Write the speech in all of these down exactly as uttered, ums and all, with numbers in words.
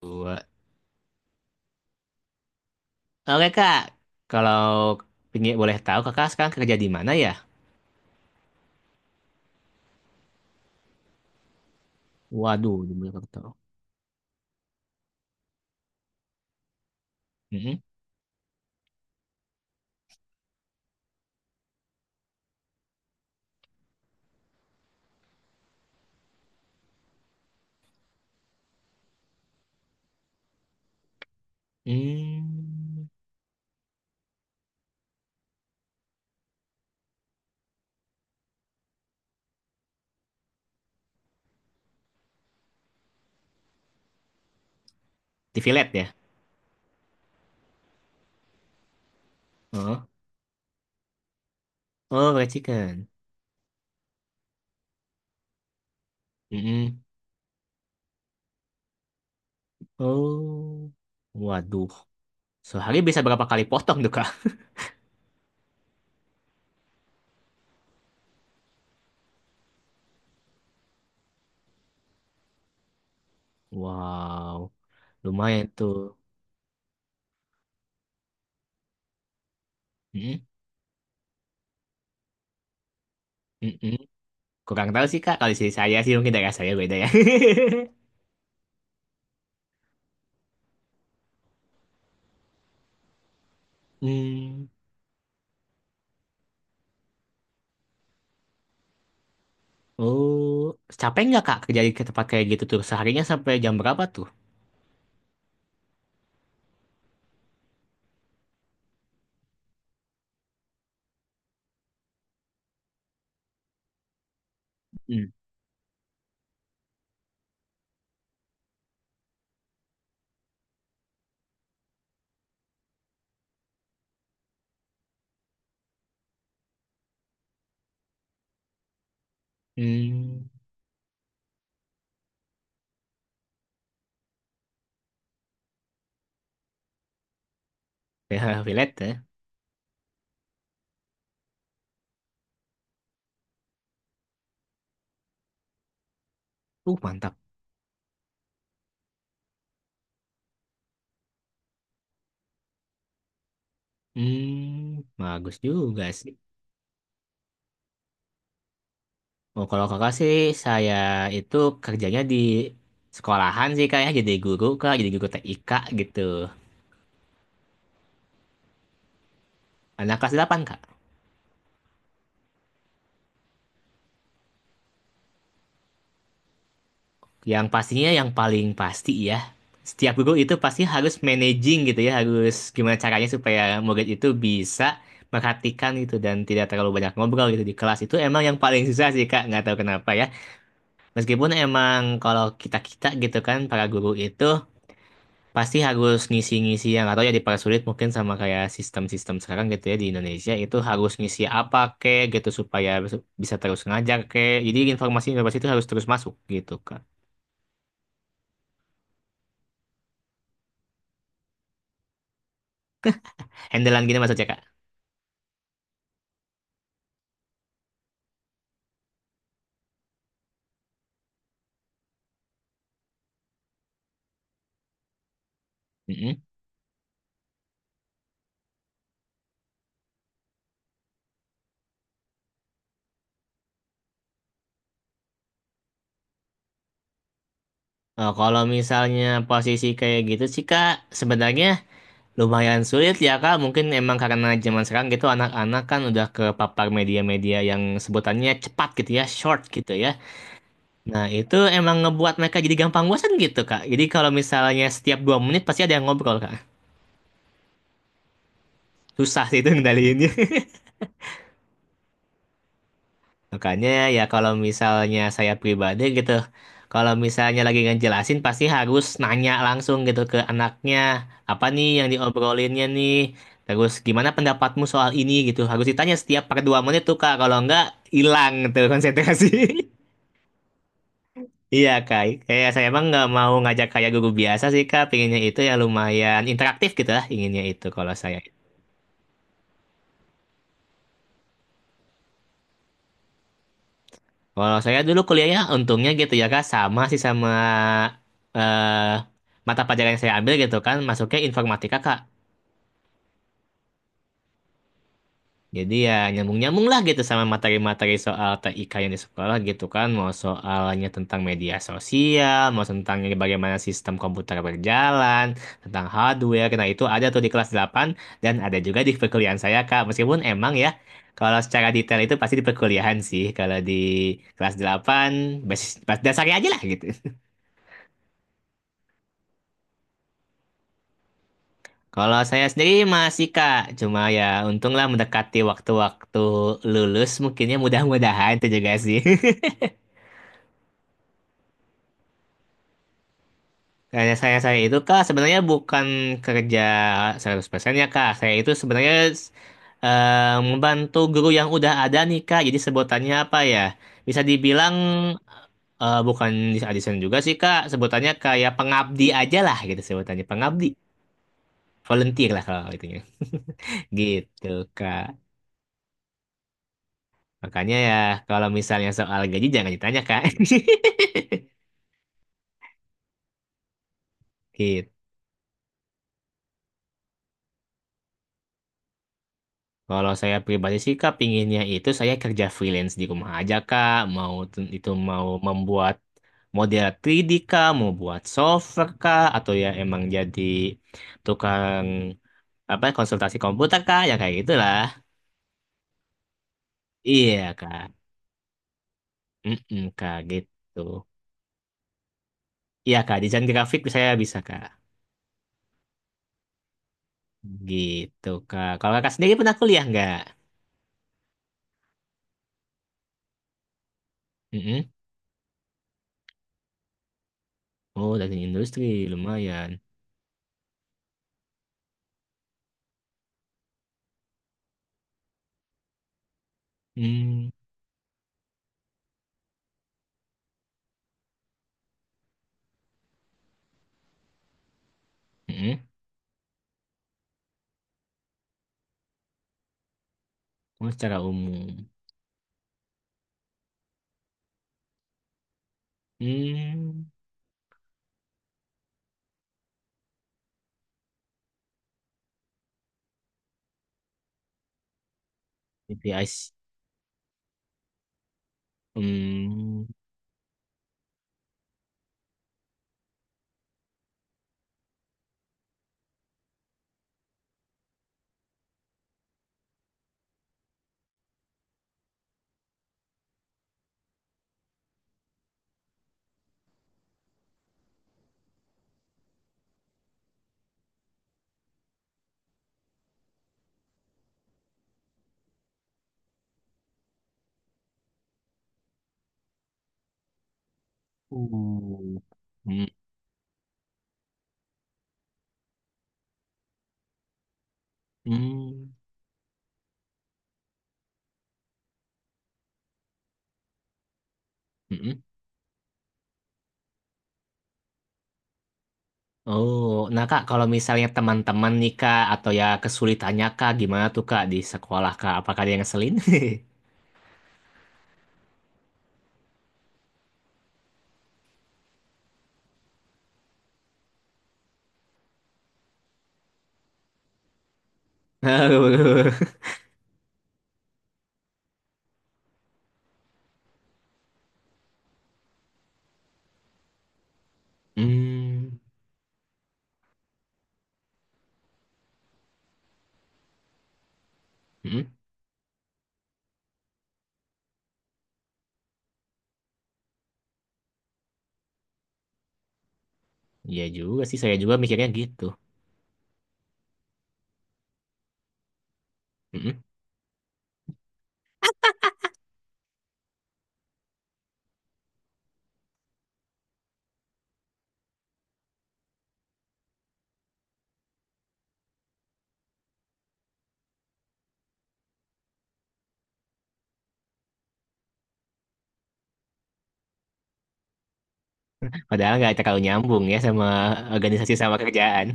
Dua. Oke kak, kalau pingin boleh tahu kakak sekarang kerja di mana ya? Waduh, di mana tahu? Mm-mm. Hmm. Di Villette ya? Oh, oh fried chicken. Mm-mm. Oh, waduh. Sehari bisa berapa kali potong tuh kak? Wow, lumayan tuh. Mm-mm. Mm-mm. Kurang tahu sih kak, kalau sih saya sih mungkin daerah saya beda ya. Hmm. Oh, capek nggak kak kerja di tempat kayak gitu tuh? Seharinya sampai jam berapa tuh? Hmm. Hmm. P H Villette ya. Uh, mantap. Hmm, bagus juga sih. Oh, kalau kakak sih, saya itu kerjanya di sekolahan sih kak ya, jadi guru kak, jadi guru T I K gitu. Anak kelas delapan kak. Yang pastinya yang paling pasti ya, setiap guru itu pasti harus managing gitu ya, harus gimana caranya supaya murid itu bisa perhatikan gitu dan tidak terlalu banyak ngobrol gitu di kelas itu emang yang paling susah sih kak, nggak tahu kenapa ya. Meskipun emang kalau kita-kita gitu kan, para guru itu pasti harus ngisi-ngisi yang atau ya dipersulit mungkin sama kayak sistem-sistem sekarang gitu ya di Indonesia itu harus ngisi apa kek gitu supaya bis- bisa terus ngajar kek jadi informasi-informasi itu harus terus masuk gitu kak. Handlean gini maksudnya kak. Mm-mm. Oh, kalau misalnya posisi kayak gitu sih kak, sebenarnya lumayan sulit ya kak, mungkin emang karena zaman sekarang gitu anak-anak kan udah ke papar media-media yang sebutannya cepat gitu ya, short gitu ya. Nah, itu emang ngebuat mereka jadi gampang bosan gitu, Kak. Jadi kalau misalnya setiap dua menit pasti ada yang ngobrol, Kak. Susah sih itu ngendaliinnya. Makanya ya kalau misalnya saya pribadi gitu, kalau misalnya lagi ngejelasin pasti harus nanya langsung gitu ke anaknya, apa nih yang diobrolinnya nih, terus gimana pendapatmu soal ini gitu. Harus ditanya setiap per dua menit tuh, Kak. Kalau enggak, hilang tuh konsentrasi. Iya kak, kayak saya emang nggak mau ngajak kayak guru biasa sih kak, pinginnya itu ya lumayan interaktif gitu lah inginnya itu kalau saya. Kalau saya dulu kuliahnya untungnya gitu ya kak, sama sih sama eh mata pelajaran yang saya ambil gitu kan, masuknya informatika kak. Jadi ya nyambung-nyambung lah gitu sama materi-materi soal T I K yang di sekolah gitu kan. Mau soalnya tentang media sosial, mau tentang bagaimana sistem komputer berjalan, tentang hardware. Nah itu ada tuh di kelas delapan dan ada juga di perkuliahan saya Kak. Meskipun emang ya kalau secara detail itu pasti di perkuliahan sih. Kalau di kelas delapan basis, bas- dasarnya aja lah gitu. Kalau saya sendiri masih Kak, cuma ya untunglah mendekati waktu-waktu lulus mungkinnya mudah-mudahan itu juga sih. Karya saya saya itu kak sebenarnya bukan kerja seratus persen ya kak. Saya itu sebenarnya eh, membantu guru yang udah ada nih kak. Jadi sebutannya apa ya? Bisa dibilang eh, bukan desain juga sih kak. Sebutannya kayak pengabdi aja lah gitu sebutannya. Pengabdi. Volunteer lah kalau itunya. Gitu kak. Makanya ya kalau misalnya soal gaji jangan ditanya kak. Gitu. Kalau saya pribadi sih Kak, pinginnya itu saya kerja freelance di rumah aja Kak. Mau ten- itu mau membuat model tiga D Kak, mau buat software Kak, atau ya emang jadi tukang apa konsultasi komputer Kak, ya kayak gitulah. Iya Kak, mm Kak gitu. Iya Kak, desain grafik saya bisa Kak. Gitu Kak. Kalau Kakak sendiri pernah kuliah nggak? Mm-mm. Oh, dari industri lumayan. Hmm, mm-mm. Oh, secara umum. Hmm. A P I. Hmm. Uh. Hmm. Hmm. Mm-mm. Oh, nah Kak, kalau misalnya teman-teman nih Kak, atau ya kesulitannya Kak, gimana tuh Kak di sekolah Kak? Apakah ada yang ngeselin? Aduh. Hmm. Hmm, mm. Iya juga sih, saya juga mikirnya gitu. Mm-mm. Padahal nggak terlalu nyambung ya sama organisasi sama kerjaan.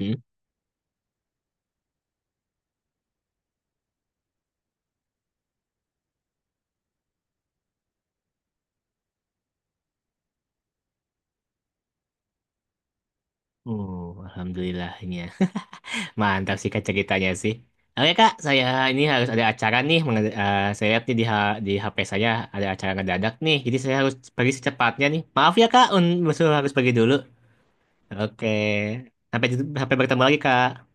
Oh, alhamdulillahnya. Mantap sih Kak ceritanya sih. Oke Kak, saya ini harus ada acara nih. Menge- eh, saya lihat nih di, H- di H P saya ada acara ngedadak nih. Jadi saya harus pergi secepatnya nih. Maaf ya Kak, un- harus pergi dulu. Oke. Sampai, Sampai bertemu lagi Kak.